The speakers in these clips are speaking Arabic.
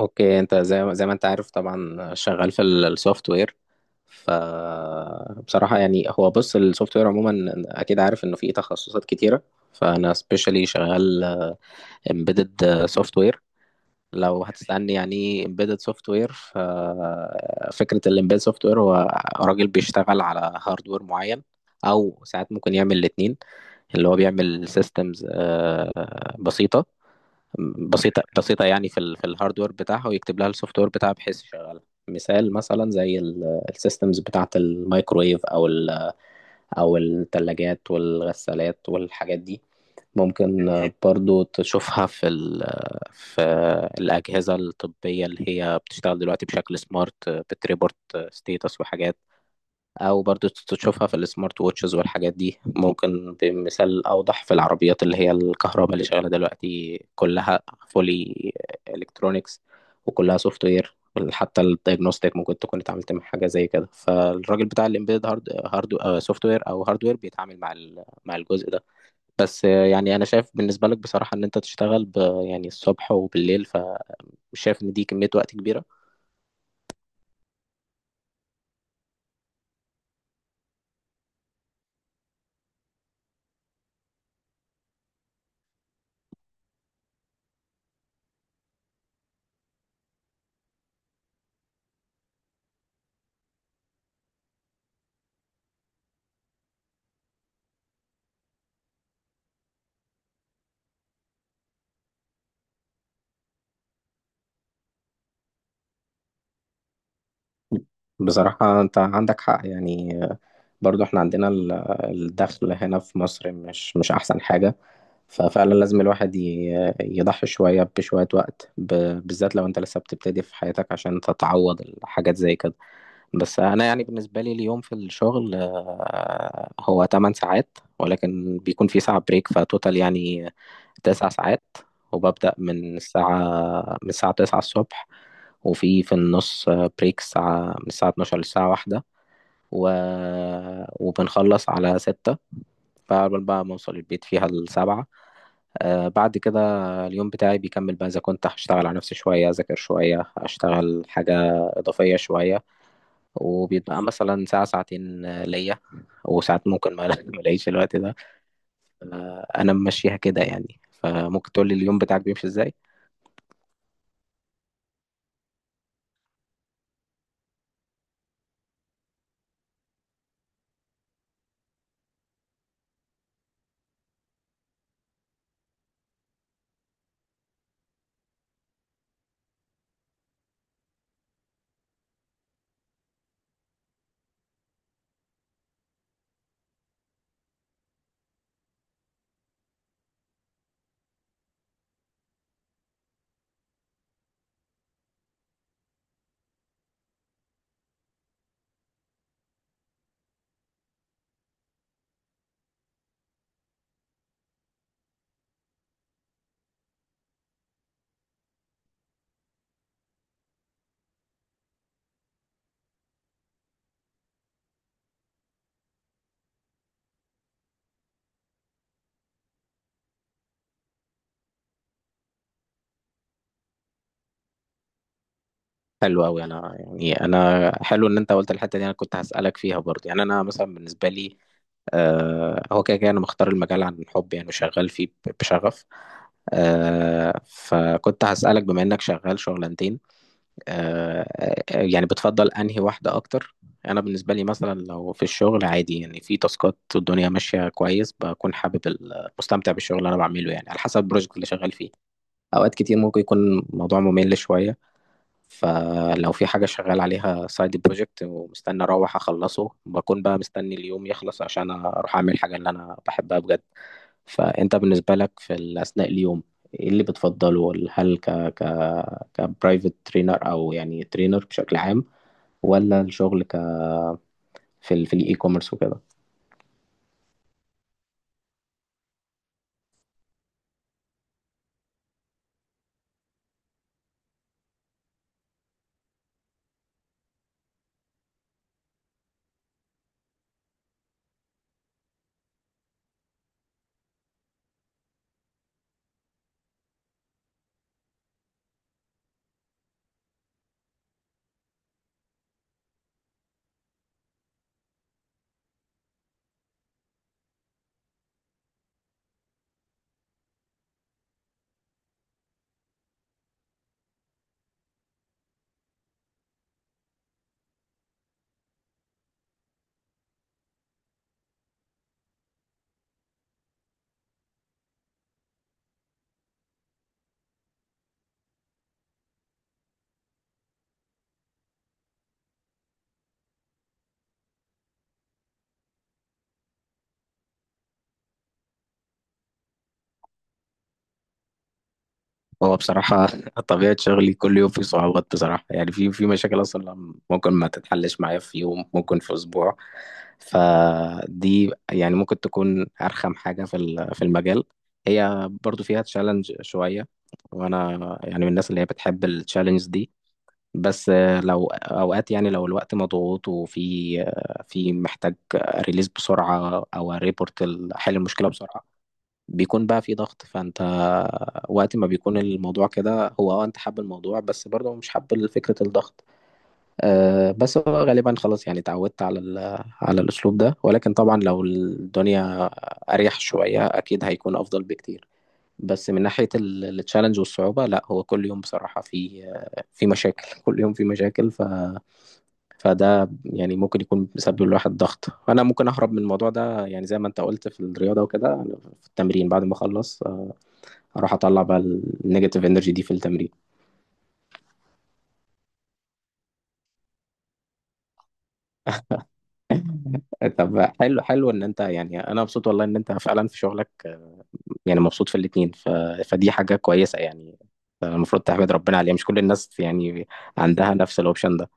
اوكي، انت زي ما انت عارف طبعا شغال في السوفت وير. ف بصراحه يعني، هو بص، السوفت وير عموما اكيد عارف انه فيه تخصصات كتيره. فانا سبيشالي شغال امبيدد سوفت وير. لو هتسالني يعني امبيدد سوفت وير، ففكره الامبيدد سوفت وير هو راجل بيشتغل على هاردوير معين، او ساعات ممكن يعمل الاتنين، اللي هو بيعمل سيستمز بسيطه. بسيطة يعني، في الهاردوير بتاعها ويكتب لها السوفت وير بتاعها بحيث يشغلها. مثلا زي السيستمز بتاعة الميكرويف أو الثلاجات والغسالات والحاجات دي. ممكن برضو تشوفها في الأجهزة الطبية اللي هي بتشتغل دلوقتي بشكل سمارت، بتريبورت ستيتس وحاجات. او برضو تشوفها في السمارت ووتشز والحاجات دي. ممكن بمثال اوضح في العربيات اللي هي الكهرباء اللي شغاله دلوقتي كلها فولي الكترونكس، وكلها سوفت وير. حتى الدايجنوستيك ممكن تكون اتعاملت مع حاجه زي كده. فالراجل بتاع الامبيد هارد وير بيتعامل مع مع الجزء ده. بس يعني انا شايف بالنسبه لك بصراحه ان انت تشتغل يعني الصبح وبالليل، فمش شايف ان دي كميه وقت كبيره. بصراحه انت عندك حق يعني، برضو احنا عندنا الدخل هنا في مصر مش احسن حاجة. ففعلا لازم الواحد يضحي شوية بشوية وقت، بالذات لو انت لسه بتبتدي في حياتك عشان تتعوض الحاجات زي كده. بس انا يعني بالنسبة لي، اليوم في الشغل، هو 8 ساعات، ولكن بيكون في ساعة بريك، فتوتال يعني 9 ساعات. وببدأ من الساعة 9 الصبح، وفي النص بريك الساعة، من الساعة 12 للساعة 1، و... وبنخلص على ستة. فعقبال بقى ما أوصل البيت فيها السبعة. آه، بعد كده اليوم بتاعي بيكمل بقى، إذا كنت هشتغل على نفسي شوية، أذاكر شوية، أشتغل حاجة إضافية شوية. وبيبقى مثلا ساعة ساعتين ليا. وساعات ممكن ما ما الاقيش الوقت ده. آه، أنا ممشيها كده يعني. فممكن تقول لي اليوم بتاعك بيمشي إزاي؟ حلو أوي. أنا يعني، أنا حلو إن أنت قلت الحتة دي، أنا كنت هسألك فيها برضه. يعني أنا مثلا بالنسبة لي، هو كده كده انا مختار المجال عن حب يعني، وشغال فيه بشغف. فكنت هسألك، بما انك شغال شغلانتين، آه، يعني بتفضل انهي واحدة اكتر. انا بالنسبة لي مثلا، لو في الشغل عادي يعني، في تاسكات والدنيا ماشية كويس، بكون حابب مستمتع بالشغل اللي انا بعمله، يعني على حسب البروجكت اللي شغال فيه. اوقات كتير ممكن يكون الموضوع ممل شوية. فلو في حاجة شغال عليها سايد بروجكت ومستني أروح أخلصه، بكون بقى مستني اليوم يخلص عشان أروح أعمل الحاجة اللي أنا بحبها بجد. فأنت بالنسبة لك، في أثناء اليوم، إيه اللي بتفضله؟ هل ك ك كبرايفت ترينر، أو يعني ترينر بشكل عام، ولا الشغل في الإي كوميرس وكده؟ هو بصراحة طبيعة شغلي كل يوم في صعوبات بصراحة، يعني في مشاكل أصلا ممكن ما تتحلش معايا في يوم، ممكن في أسبوع. فدي يعني ممكن تكون أرخم حاجة في في المجال. هي برضو فيها تشالنج شوية، وأنا يعني من الناس اللي هي بتحب التشالنج دي. بس لو أوقات يعني، لو الوقت مضغوط، وفي في محتاج ريليز بسرعة، أو ريبورت حل المشكلة بسرعة، بيكون بقى في ضغط. فانت وقت ما بيكون الموضوع كده، هو اه انت حابب الموضوع بس برضه مش حابب فكرة الضغط. أه بس هو غالبا خلاص يعني اتعودت على على الاسلوب ده. ولكن طبعا لو الدنيا اريح شوية اكيد هيكون افضل بكتير. بس من ناحية التشالنج والصعوبة، لا هو كل يوم بصراحة في في مشاكل. كل يوم في مشاكل. فده يعني ممكن يكون بيسبب الواحد ضغط. انا ممكن اهرب من الموضوع ده يعني، زي ما انت قلت في الرياضه وكده، في التمرين بعد ما اخلص اروح اطلع بقى النيجاتيف انرجي دي في التمرين. طب حلو، ان انت يعني، انا مبسوط والله ان انت فعلا في شغلك يعني مبسوط في الاتنين. فدي حاجة كويسة يعني، المفروض تحمد ربنا عليها. مش كل الناس يعني عندها نفس الاوبشن ده.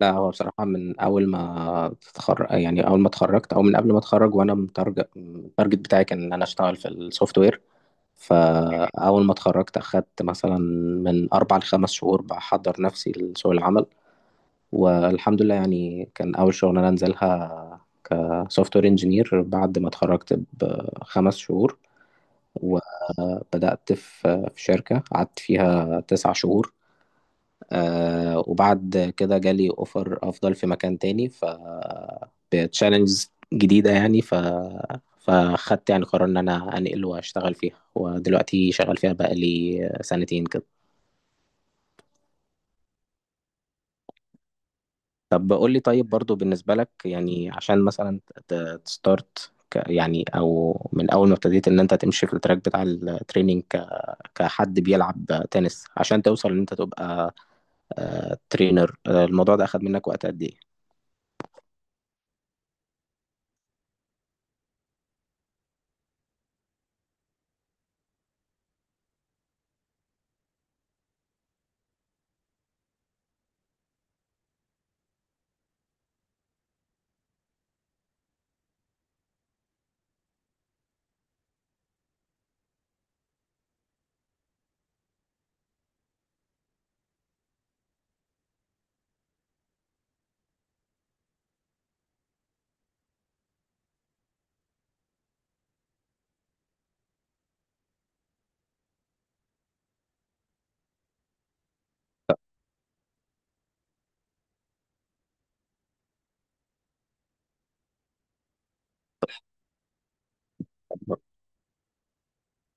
لا هو بصراحة من اول ما تتخرج يعني، اول ما اتخرجت، او من قبل ما اتخرج وانا متارجت، التارجت بتاعي كان ان انا اشتغل في السوفت وير. فاول ما اتخرجت اخدت مثلا من اربع لخمس شهور بحضر نفسي لسوق العمل. والحمد لله يعني، كان أول شغلانة أنزلها كسوفت وير انجينير بعد ما اتخرجت بخمس شهور. وبدأت في في شركة قعدت فيها تسع شهور. آه، وبعد كده جالي أوفر أفضل في مكان تاني، بتشالنجز جديدة يعني. فخدت يعني قرار إن أنا أنقل وأشتغل فيها، ودلوقتي شغال فيها بقالي سنتين كده. طب قول لي طيب، برضو بالنسبة لك يعني، عشان مثلا تستارت يعني، او من اول ما ابتديت ان انت تمشي في التراك بتاع التريننج كحد بيلعب تنس، عشان توصل ان انت تبقى ترينر، الموضوع ده اخد منك وقت قد ايه؟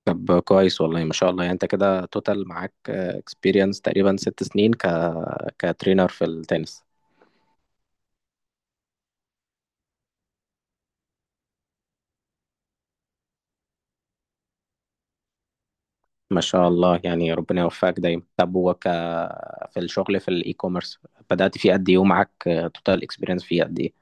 طب كويس، والله ما شاء الله. يعني انت كده توتال معاك اكسبيرينس تقريبا 6 سنين كترينر في التنس. ما شاء الله يعني، ربنا يوفقك دايما. طب وك في الشغل في الاي كوميرس، بدأت فيه قد ايه، ومعاك توتال اكسبيرينس فيه قد ايه؟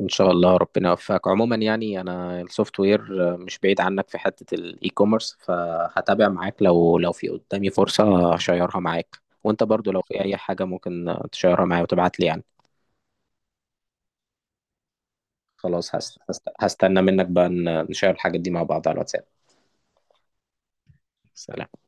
ان شاء الله ربنا يوفقك. عموما يعني انا السوفت وير مش بعيد عنك في حتة الاي كوميرس، فهتابع معاك، لو في قدامي فرصة هشيرها معاك. وانت برضو لو في اي حاجة ممكن تشيرها معايا وتبعت لي يعني. خلاص، هستنى منك بقى نشير الحاجات دي مع بعض على الواتساب. سلام.